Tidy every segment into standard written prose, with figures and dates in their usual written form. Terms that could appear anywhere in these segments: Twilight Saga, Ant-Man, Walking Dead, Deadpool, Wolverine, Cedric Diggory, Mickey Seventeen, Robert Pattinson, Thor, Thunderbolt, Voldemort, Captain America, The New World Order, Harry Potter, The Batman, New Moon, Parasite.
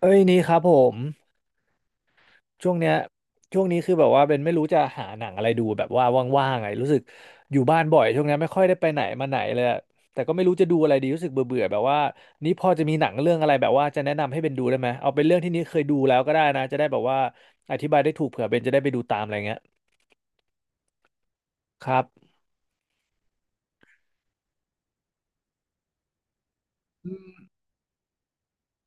เอ้ยนี่ครับผมช่วงเนี้ยช่วงนี้คือแบบว่าเป็นไม่รู้จะหาหนังอะไรดูแบบว่าว่างๆไงรู้สึกอยู่บ้านบ่อยช่วงเนี้ยไม่ค่อยได้ไปไหนมาไหนเลยอะแต่ก็ไม่รู้จะดูอะไรดีรู้สึกเบื่อๆแบบว่านี่พอจะมีหนังเรื่องอะไรแบบว่าจะแนะนำให้เป็นดูได้ไหมเอาเป็นเรื่องที่นี่เคยดูแล้วก็ได้นะจะได้แบบว่าอธิบายได้ถูกเผื่อเบนจะได้ไปดูตามอะไรเงี้ยครับอืม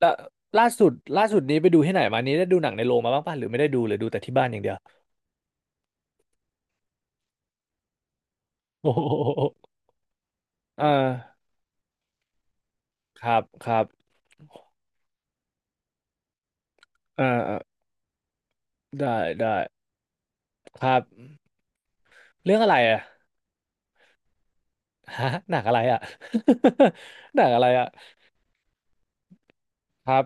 แล้วล่าสุดล่าสุดนี้ไปดูที่ไหนมานี้ได้ดูหนังในโรงมาบ้างป่ะหรือไม่ได้ดูหรือดูแต่ที่บ้านอย่างเดียวโอ้ โหอ่าครับครับอ่าอ่าได้ได้ครับ เรื่องอะไรอ่ะฮะหนังอะไรอ่ะ หนังอะไรอ่ะครับ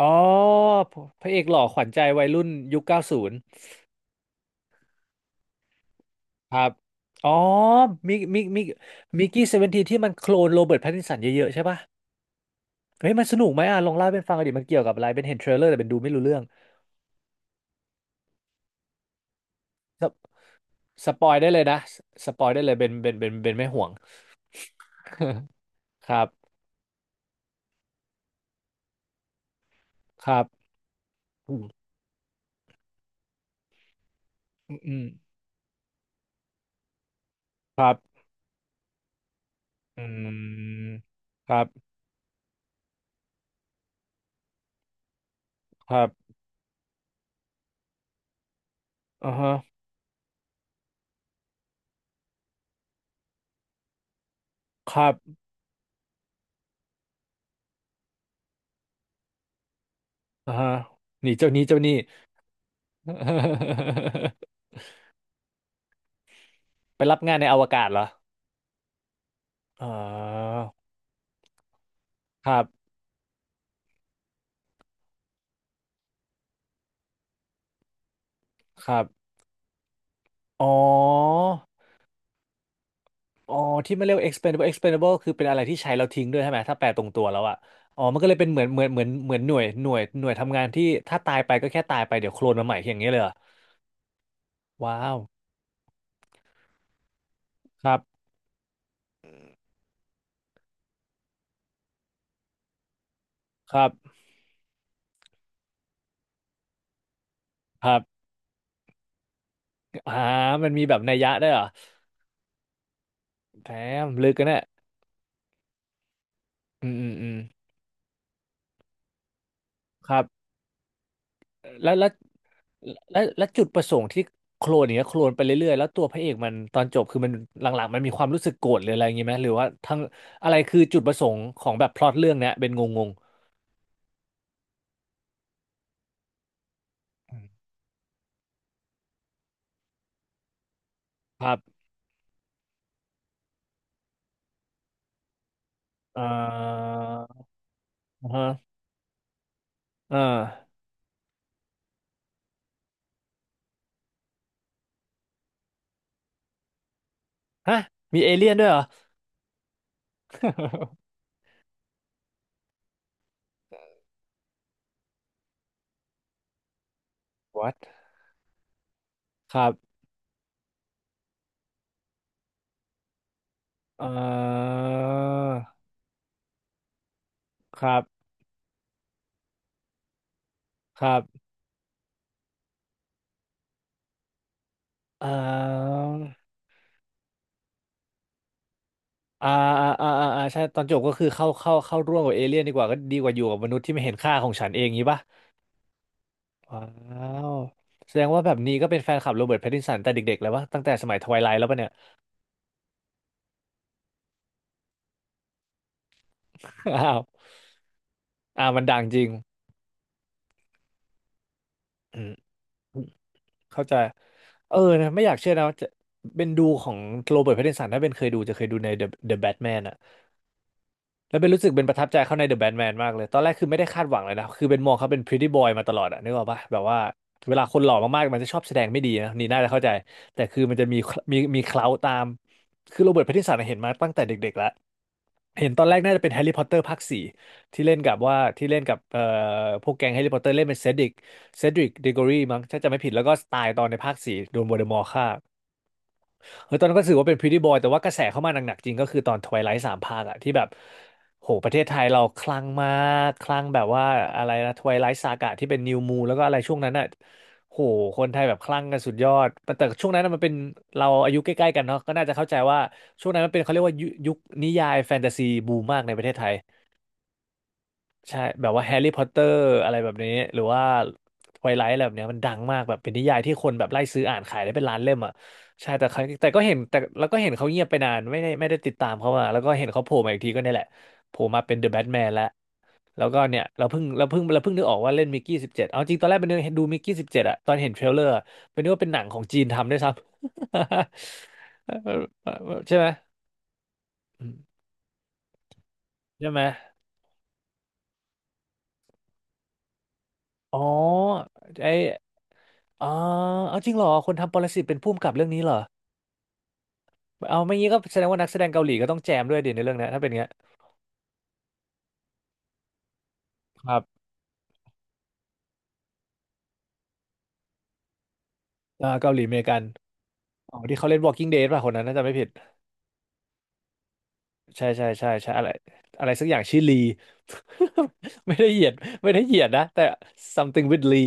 อ๋อพระเอกหล่อขวัญใจวัยรุ่นยุค90ครับอ๋อมิกมิกมิกมิกกี้เซเวนทีที่มันโคลนโรเบิร์ตแพตตินสันเยอะๆใช่ปะเฮ้ยมันสนุกไหมอ่ะลองเล่าให้เป็นฟังหน่อยดิมันเกี่ยวกับอะไรเป็นเห็นเทรลเลอร์แต่เป็นดูไม่รู้เรื่องสปสปอยได้เลยนะสปอยได้เลยเป็นไม่ห่วง ครับครับอืมอืมครับอืมครับครับอ่าฮะครับ อ่าฮะหนีเจ้านี้เจ้านี้ ไปรับงานในอวกาศเหรออ่าครับครับ อ๋อ อ๋อที่มันเรียกว่า expendable expendable คือเป็นอะไรที่ใช้แล้วทิ้งด้วยใช่ไหมถ้าแปลตรงตัวแล้วอะอ๋อมันก็เลยเป็นเหมือนเหมือนเหมือนเหมือนหน่วย หน่วยทำงานที่ถ้าตายไปก็แค่ตายไปเดี๋ยวโคลนมาใหม่อย่างเงี้ยเลยเหรอว้าว ครับ ครับครับอ่ามันมีแบบนัยยะได้วยเหรอแถมลึกกันเนี่ยอืมอืมอืมครับแล้ว และจุดประสงค์ที่โคลนอย่างเงี้ยโคลนไปเรื่อยๆแล้วตัวพระเอกมันตอนจบคือมันหลังๆมันมีความรู้สึกโกรธหรืออะไรอย่างงี้ไหมหรือว่าทั้งอะไรคือจุดประสงค์ของแบบพล็อตเรื่องเนี้ยเป็นงงๆครับเอ่อฮะเอ่าฮะมีเอเลี่ยนด้วยเหรอ What ครับเอ่อครับครับเอ่ออ่าอ่าอ่าอ่าอ่าใช่ตอนจบก็คือเข้าร่วมกับเอเลี่ยนดีกว่าก็ดีกว่าอยู่กับมนุษย์ที่ไม่เห็นค่าของฉันเองงี้ปะ ว้าวแสดงว่าแบบนี้ก็เป็นแฟนคลับโรเบิร์ตแพตตินสันแต่เด็กๆแล้วว่าตั้งแต่สมัยทไวไลท์แล้วปะเนี่ย อ้าวอ่ามันดังจริงอืมเข้าใจเออนะไม่อยากเชื่อนะว่าจะเป็นดูของโรเบิร์ตแพตตินสันถ้าเป็นเคยดูจะเคยดูใน The Batman อะแล้วเป็นรู้สึกเป็นประทับใจเขาใน The Batman มากเลยตอนแรกคือไม่ได้คาดหวังเลยนะคือเป็นมองเขาเป็น Pretty Boy มาตลอดอะนึกออกปะแบบว่าเวลาคนหล่อมากๆมันจะชอบแสดงไม่ดีนะนี่น่าจะเข้าใจแต่คือมันจะมีเคล้าตามคือโรเบิร์ตแพตตินสันเห็นมาตั้งแต่เด็กๆแล้ว เห็นตอนแรกน่าจะเป็นแฮร์รี่พอตเตอร์ภาคสี่ที่เล่นกับว่าที่เล่นกับพวกแก๊งแฮร์รี่พอตเตอร์เล่นเป็นเซดริกเดโกรีมั้งถ้าจำไม่ผิดแล้วก็ตายตอนในภาคสี่โดนวอลเดอมอร์ฆ่า เออตอนนั้นก็ถือว่าเป็น Pretty Boy แต่ว่ากระแสเข้ามาหนักๆจริงก็คือตอน Twilight สามภาคอะที่แบบโหประเทศไทยเราคลั่งมากคลั่งแบบว่าอะไรนะ Twilight Saga ที่เป็น New Moon แล้วก็อะไรช่วงนั้นอะโหคนไทยแบบคลั่งกันสุดยอดแต่ช่วงนั้นน่ะมันเป็นเราอายุใกล้ๆกันเนาะก็น่าจะเข้าใจว่าช่วงนั้นมันเป็นเขาเรียกว่ายุคนิยายแฟนตาซีบูมมากในประเทศไทย ใช่แบบว่าแฮร์รี่พอตเตอร์อะไรแบบนี้หรือว่าไวไลท์อะไรแบบเนี้ยมันดังมากแบบเป็นนิยายที่คนแบบไล่ซื้ออ่านขายได้เป็นล้านเล่มอ่ะใช่แต่เขาแต่ก็เห็นแต่แล้วก็เห็นเขาเงียบไปนานไม่ได้ติดตามเขามาแล้วก็เห็นเขาโผล่มาอีกทีก็เนี่ยแหละโผล่มาเป็นเดอะแบทแมนแล้วแล้วก็เนี่ยเราเพิ่งเราเพิ่งเราเพิ่งนึกออกว่าเล่นมิกกี้สิบเจ็ดเอาจริงตอนแรกเป็นนึกดูมิกกี้สิบเจ็ดอะตอนเห็นเทรลเลอร์อะเป็นนึกว่าเป็นหนังของจีนทำด้วยซ้ำ ใช่ไหมใช่ไหมอ๋อไอ อ๋อเอาจริงเหรอคนทำปรสิตเป็นผู้กำกับเรื่องนี้เหรอเอาไม่งี้ก็แสดงว่านักแสดงเกาหลีก็ต้องแจมด้วยดิในเรื่องเนี้ยถ้าเป็นเงี้ยครับอ่าเกาหลีอเมริกันอ๋อที่เขาเล่น Walking Dead ป่ะคนนั้นน่าจะไม่ผิดใช่ใช่ใช่ใช่อะไรอะไรสักอย่างชื่อลี ไม่ได้เหยียดไม่ได้เหยียดนะแต่ something with Lee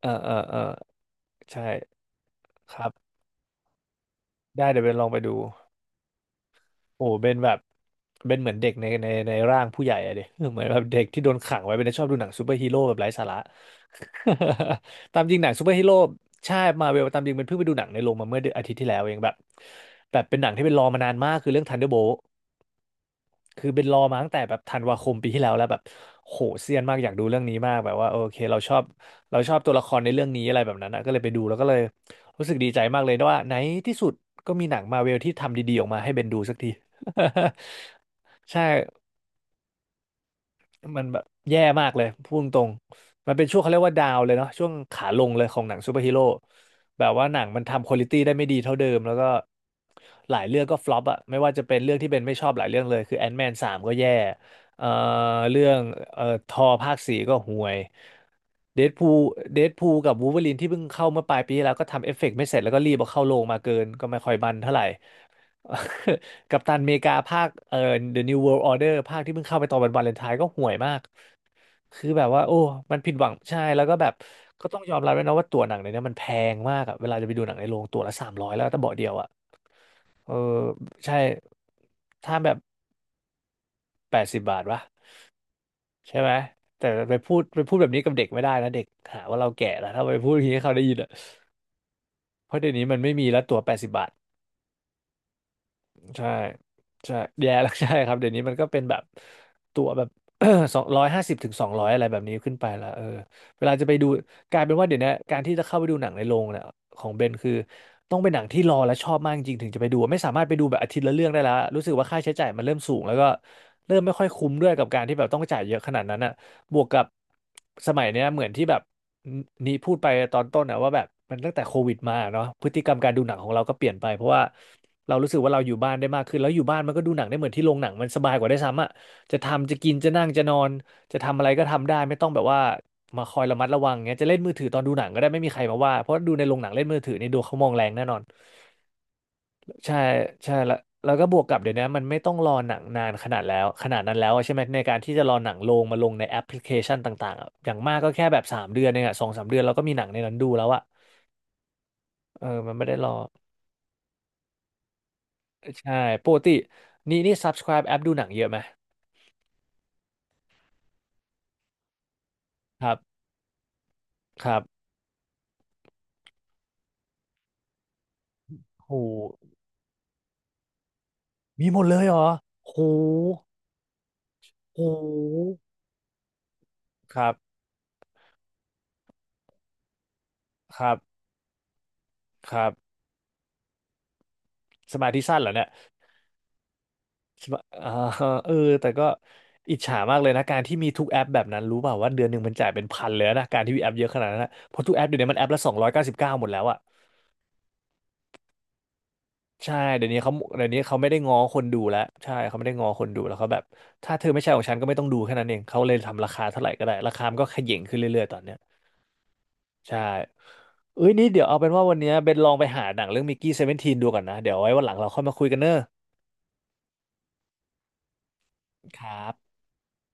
เออเออเออใช่ครับได้เดี๋ยวไปลองไปดู โอ้เป็นแบบเป็นเหมือนเด็กในร่างผู้ใหญ่อะเด็กเหมือนแบบเด็กที่โดนขังไว้เป็นชอบดูหนังซูเปอร์ฮีโร่แบบไร้สาระ ตามจริงหนังซูเปอร์ฮีโร่ใช่มาเวลตามจริงมันเพิ่งไปดูหนังในโรงมาเมื่อออาทิตย์ที่แล้วเองแบบแบบเป็นหนังที่เป็นรอมานานมากคือเรื่อง Thunderbolt คือเป็นรอมาตั้งแต่แบบธันวาคมปีที่แล้วแล้วแบบโหเซียนมากอยากดูเรื่องนี้มากแบบว่าโอเคเราชอบตัวละครในเรื่องนี้อะไรแบบนั้นนะก็เลยไปดูแล้วก็เลยรู้สึกดีใจมากเลยนะว่าในที่สุดก็มีหนังมาเวลที่ทำดีๆออกมาให้เบนดูสักที ใช่ มันแบบแย่มากเลยพูดตรงๆมันเป็นช่วงเขาเรียกว่าดาวน์เลยเนาะช่วงขาลงเลยของหนังซูเปอร์ฮีโร่แบบว่าหนังมันทำควอลิตี้ได้ไม่ดีเท่าเดิมแล้วก็หลายเรื่องก็ฟลอปอะไม่ว่าจะเป็นเรื่องที่เป็นไม่ชอบหลายเรื่องเลยคือแอน m ์แมนสามก็แย่เอ่อเรื่องทอภาคสี่ก็ห่วยเดดพูเดดพูกับวู l v เวอรนที่เพิ่งเข้าเมื่อปลายปีที่แล้วก็ทำเอฟเฟกต์ไม่เสร็จแล้วก็รีบเอาเข้าโรงมาเกินก็ไม่ค่อยบันเท่าไหร่ กัปตันอเมริกาภาคThe New World Order ภาคที่เพิ่งเข้าไปตอนวันวาเลนไทน์ก็ห่วยมาก คือแบบว่าโอ้มันผิดหวังใช่แล้วก็แบบก็ต้องยอมรับด้วยนะว่าตั๋วหนังเนี่ยมันแพงมากอะเวลาจะไปดูหนังในโรงตั๋วละ300แล้วแต่เบาะเดียวอะเออใช่ ถ้าแบบ80 บาทวะใช่ไหม แต่ไปพูดแบบนี้กับเด็กไม่ได้นะเด็กหาว่าเราแก่แล้วถ้าไปพูดอย่างนี้ให้เขาได้ยินอะเพราะเดี๋ยวนี้มันไม่มีแล้วตั๋วแปดสิบบาท ใช่ใช่แย่แล้ว ใช่ครับเดี๋ยวนี้มันก็เป็นแบบตั๋วแบบ 250ถึง200อะไรแบบนี้ขึ้นไปละเออเวลาจะไปดูกลายเป็นว่าเดี๋ยวนี้การที่จะเข้าไปดูหนังในโรงเนี่ยของเบนคือต้องเป็นหนังที่รอและชอบมากจริงถึงจะไปดูไม่สามารถไปดูแบบอาทิตย์ละเรื่องได้แล้วรู้สึกว่าค่าใช้จ่ายมันเริ่มสูงแล้วก็เริ่มไม่ค่อยคุ้มด้วยกับการที่แบบต้องจ่ายเยอะขนาดนั้นอ่ะบวกกับสมัยเนี้ยเหมือนที่แบบ นนี่พูดไปตอนต้นนะว่าแบบมันตั้งแต่โควิดมาเนาะพฤติกรรมการดูหนังของเราก็เปลี่ยนไปเพราะว่าเรารู้สึกว่าเราอยู่บ้านได้มากขึ้นแล้วอยู่บ้านมันก็ดูหนังได้เหมือนที่โรงหนังมันสบายกว่าได้วยซ้ำอ่ะจะทำจะกินจะนั่งจะนอนจะทำอะไรก็ทำได้ไม่ต้องแบบว่ามาคอยระมัดระวังเงี้ยจะเล่นมือถือตอนดูหนังก็ได้ไม่มีใครมาว่าเพราะดูในโรงหนังเล่นมือถือนี่โดนเขามองแรงแน่นอน ใช่ใช่แล้วแล้วก็บวกกับเดี๋ยวนี้มันไม่ต้องรอหนังนานขนาดนั้นแล้วอะใช่ไหมในการที่จะรอหนังลงมาลงในแอปพลิเคชันต่างๆอะอย่างมากก็แค่แบบสามเดือนเองอะ2-3 เดือนเราก็มีหนังในนั้นดูแล้วอะเออมันไม่ได้รอใช่ปกตินี่นี่ subscribe แอปดูหนังเยอะไหมครับครับโหมีหมดเลยเหรอโหโหครับครับครับสมาธิสั้นเหรอเนี่ย คิดว่าอ่า เออแต่ก็อิจฉามากเลยนะ การที่มีทุกแอปแบบนั้น รู้เปล่าว่าเดือนหนึ่งมันจ่ายเป็นพันเลยนะ การที่มีแอปเยอะขนาดนั้นนะเพราะทุกแอปเดี๋ยวนี้มันแอปละ299หมดแล้วอะใช่เดี๋ยวนี้เขาไม่ได้ง้อคนดูแล้วใช่เขาไม่ได้ง้อคนดูแล้วเขาแบบถ้าเธอไม่ใช่ของฉันก็ไม่ต้องดูแค่นั้นเองเขาเลยทำราคาเท่าไหร่ก็ได้ ราคามันก็เขย่งขึ้นเรื่อยๆตอนเนี้ยใช่เอ้ยนี่เดี๋ยวเอาเป็นว่าวันเนี้ยเบนลองไปหาหนังเรื่องมิกกี้17ดูก่อนนะเดี๋ยวไว้วันหลังเราค่อยมาคุยกันเนอะครับ